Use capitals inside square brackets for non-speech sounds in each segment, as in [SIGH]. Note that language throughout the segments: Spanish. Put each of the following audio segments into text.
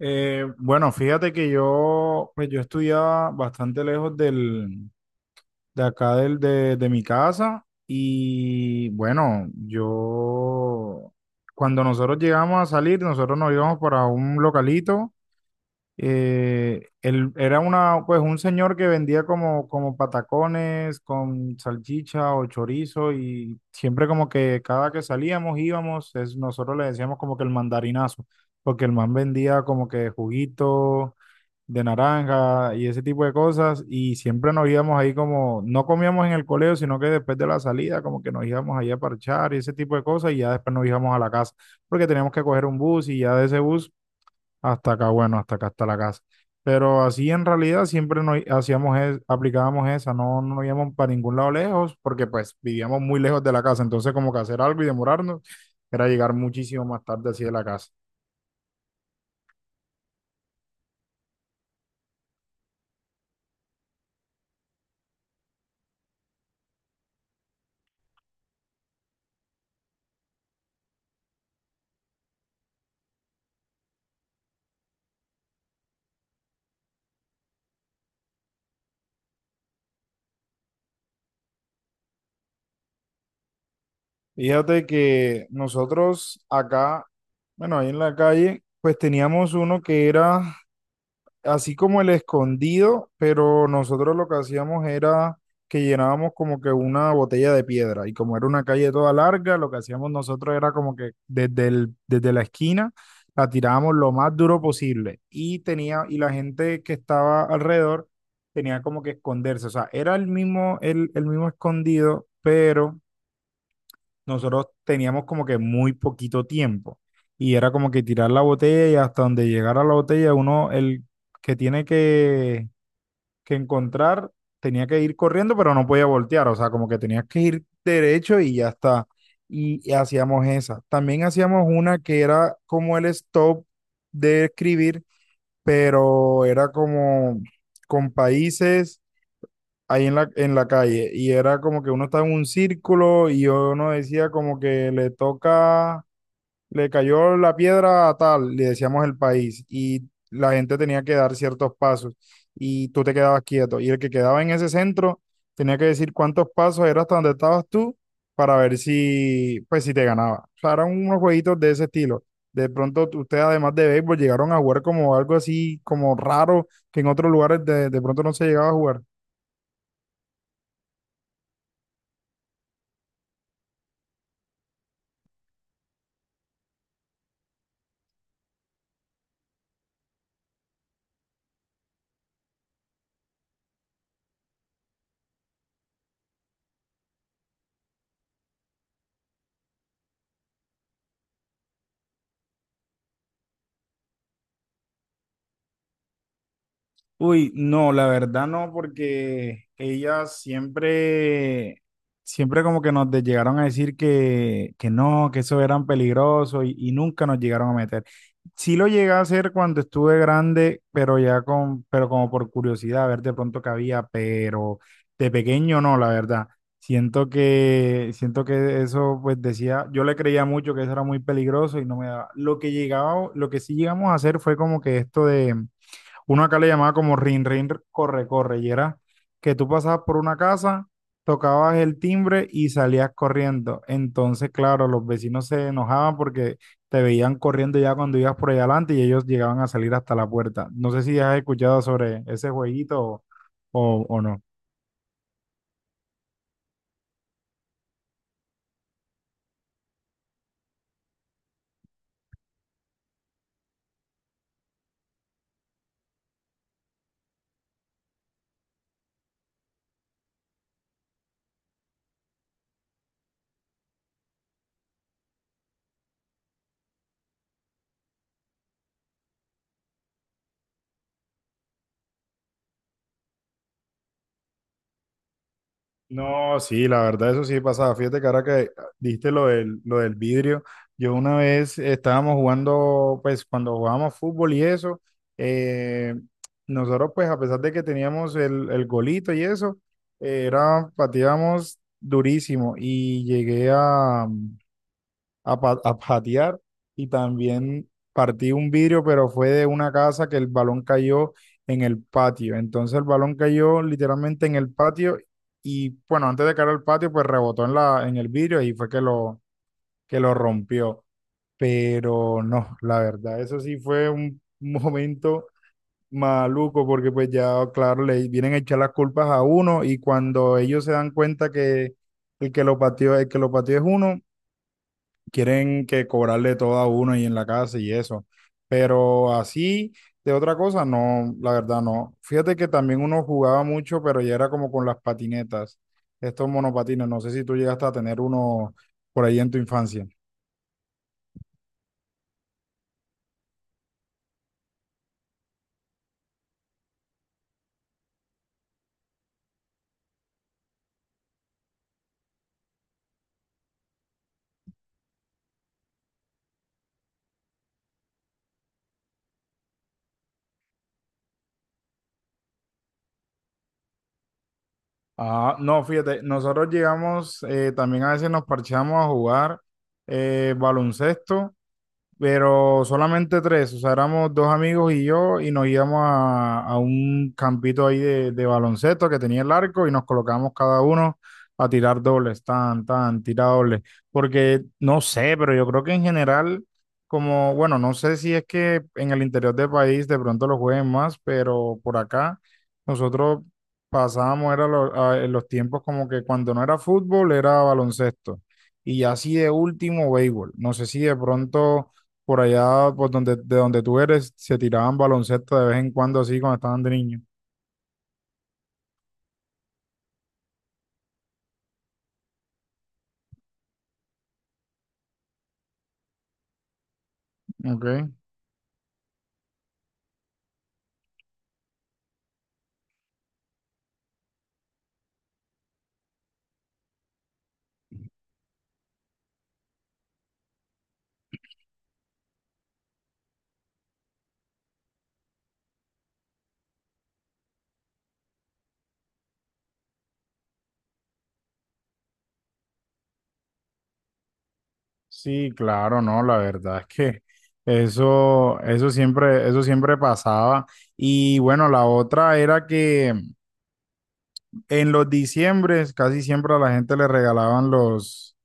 Bueno, fíjate que yo estudiaba bastante lejos de acá de mi casa y bueno, yo, cuando nosotros llegamos a salir, nosotros nos íbamos para un localito él era una, pues un señor que vendía como patacones con salchicha o chorizo y siempre como que cada que salíamos, nosotros le decíamos como que el mandarinazo, porque el man vendía como que juguito de naranja y ese tipo de cosas y siempre nos íbamos ahí como, no comíamos en el colegio, sino que después de la salida como que nos íbamos ahí a parchar y ese tipo de cosas y ya después nos íbamos a la casa, porque teníamos que coger un bus y ya de ese bus hasta acá, bueno, hasta acá está la casa. Pero así en realidad siempre nos aplicábamos esa, no, no íbamos para ningún lado lejos, porque pues vivíamos muy lejos de la casa, entonces como que hacer algo y demorarnos era llegar muchísimo más tarde así de la casa. Fíjate que nosotros acá, bueno, ahí en la calle, pues teníamos uno que era así como el escondido, pero nosotros lo que hacíamos era que llenábamos como que una botella de piedra y como era una calle toda larga, lo que hacíamos nosotros era como que desde la esquina la tirábamos lo más duro posible y tenía y la gente que estaba alrededor tenía como que esconderse, o sea, era el mismo el mismo escondido, pero nosotros teníamos como que muy poquito tiempo y era como que tirar la botella y hasta donde llegara la botella uno, el que tiene que encontrar, tenía que ir corriendo, pero no podía voltear, o sea, como que tenías que ir derecho y ya está. Y hacíamos esa. También hacíamos una que era como el stop de escribir, pero era como con países ahí en en la calle y era como que uno estaba en un círculo y uno decía como que le toca, le cayó la piedra a tal, le decíamos el país y la gente tenía que dar ciertos pasos y tú te quedabas quieto y el que quedaba en ese centro tenía que decir cuántos pasos era hasta donde estabas tú para ver si, pues si te ganaba. O sea, eran unos jueguitos de ese estilo. De pronto ustedes además de béisbol llegaron a jugar como algo así como raro que en otros lugares de pronto no se llegaba a jugar. Uy, no, la verdad no, porque ellas siempre, siempre como que llegaron a decir que no, que eso eran peligrosos y nunca nos llegaron a meter. Sí lo llegué a hacer cuando estuve grande, pero ya con, pero como por curiosidad, a ver de pronto qué había, pero de pequeño no, la verdad. Siento que eso, pues decía, yo le creía mucho que eso era muy peligroso y no me daba. Lo que llegaba, lo que sí llegamos a hacer fue como que esto uno acá le llamaba como rin, rin, corre, corre, y era que tú pasabas por una casa, tocabas el timbre y salías corriendo. Entonces, claro, los vecinos se enojaban porque te veían corriendo ya cuando ibas por allá adelante y ellos llegaban a salir hasta la puerta. ¿No sé si has escuchado sobre ese jueguito o, o no? No, sí, la verdad, eso sí pasaba. Fíjate que ahora que dijiste lo del vidrio, yo una vez estábamos jugando, pues cuando jugábamos fútbol y eso, eh, nosotros pues a pesar de que teníamos el golito y eso, era, pateábamos durísimo y llegué a patear y también partí un vidrio, pero fue de una casa que el balón cayó en el patio. Entonces el balón cayó literalmente en el patio y bueno, antes de caer al patio, pues rebotó en en el vidrio y fue que que lo rompió. Pero no, la verdad, eso sí fue un [LAUGHS] momento maluco porque pues ya, claro, le vienen a echar las culpas a uno y cuando ellos se dan cuenta que el que lo pateó, el que lo pateó es uno, quieren que cobrarle todo a uno y en la casa y eso. Pero así, de otra cosa, no, la verdad no. Fíjate que también uno jugaba mucho, pero ya era como con las patinetas, estos monopatines. No sé si tú llegaste a tener uno por ahí en tu infancia. Ah, no, fíjate, nosotros llegamos, también a veces nos parchamos a jugar baloncesto pero solamente tres, o sea, éramos dos amigos y yo, y nos íbamos a un campito ahí de baloncesto que tenía el arco y nos colocábamos cada uno a tirar dobles, tan, tan, tira dobles, porque no sé, pero yo creo que en general, como, bueno, no sé si es que en el interior del país de pronto lo jueguen más, pero por acá nosotros pasábamos, era en los tiempos como que cuando no era fútbol, era baloncesto. Y así de último, béisbol. No sé si de pronto por allá, por donde, de donde tú eres, se tiraban baloncesto de vez en cuando así cuando estaban de niño. Ok. Sí, claro, no, la verdad es que eso, eso siempre pasaba. Y bueno, la otra era que en los diciembres casi siempre a la gente le regalaban los,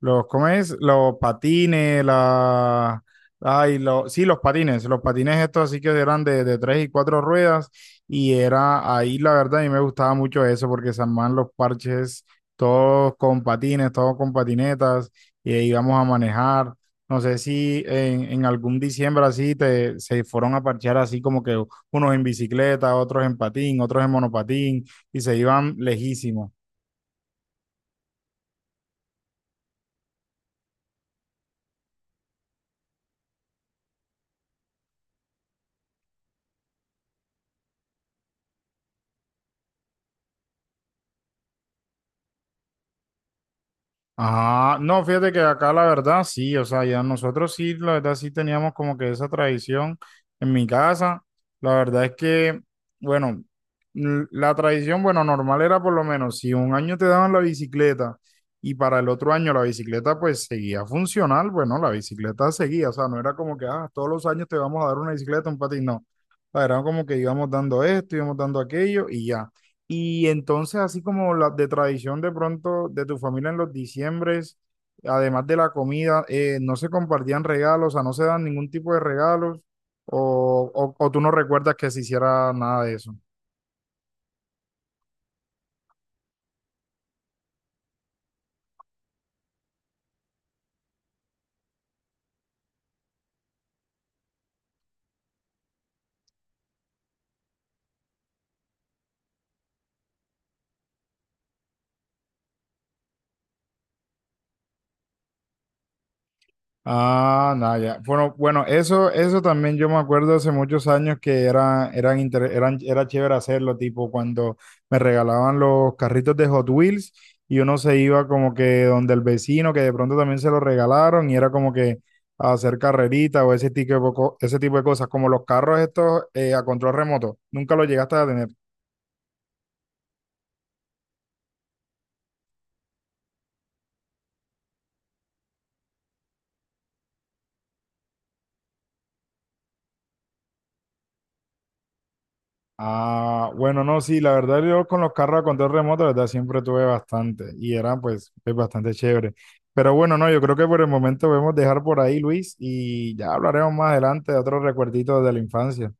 Los, ¿cómo es? Los patines, la... Ay, lo, sí, los patines estos así que eran de tres y cuatro ruedas y era ahí la verdad a mí me gustaba mucho eso porque se armaban los parches todos con patines, todos con patinetas y ahí íbamos a manejar. No sé si en algún diciembre así te, se fueron a parchear así como que unos en bicicleta, otros en patín, otros en monopatín y se iban lejísimos. Ah, no, fíjate que acá la verdad sí, o sea, ya nosotros sí, la verdad sí teníamos como que esa tradición en mi casa. La verdad es que, bueno, la tradición, bueno, normal era por lo menos, si un año te daban la bicicleta y para el otro año la bicicleta pues seguía funcional, bueno, la bicicleta seguía, o sea, no era como que, ah, todos los años te vamos a dar una bicicleta, un patín, no. O sea, era como que íbamos dando esto, íbamos dando aquello y ya. Y entonces, así como la de tradición de pronto de tu familia en los diciembres, además de la comida, ¿no se compartían regalos, o sea, no se dan ningún tipo de regalos, o tú no recuerdas que se hiciera nada de eso? Ah, nada, ya. Bueno, bueno, eso también yo me acuerdo hace muchos años que era, eran, inter- eran, era chévere hacerlo, tipo cuando me regalaban los carritos de Hot Wheels y uno se iba como que donde el vecino, que de pronto también se lo regalaron y era como que a hacer carrerita o ese tipo ese tipo de cosas, como los carros estos a control remoto. ¿Nunca lo llegaste a tener? Ah, bueno, no, sí, la verdad yo con los carros a control remoto, la verdad siempre tuve bastante y eran pues es bastante chévere. Pero bueno, no, yo creo que por el momento podemos dejar por ahí, Luis, y ya hablaremos más adelante de otros recuerditos de la infancia.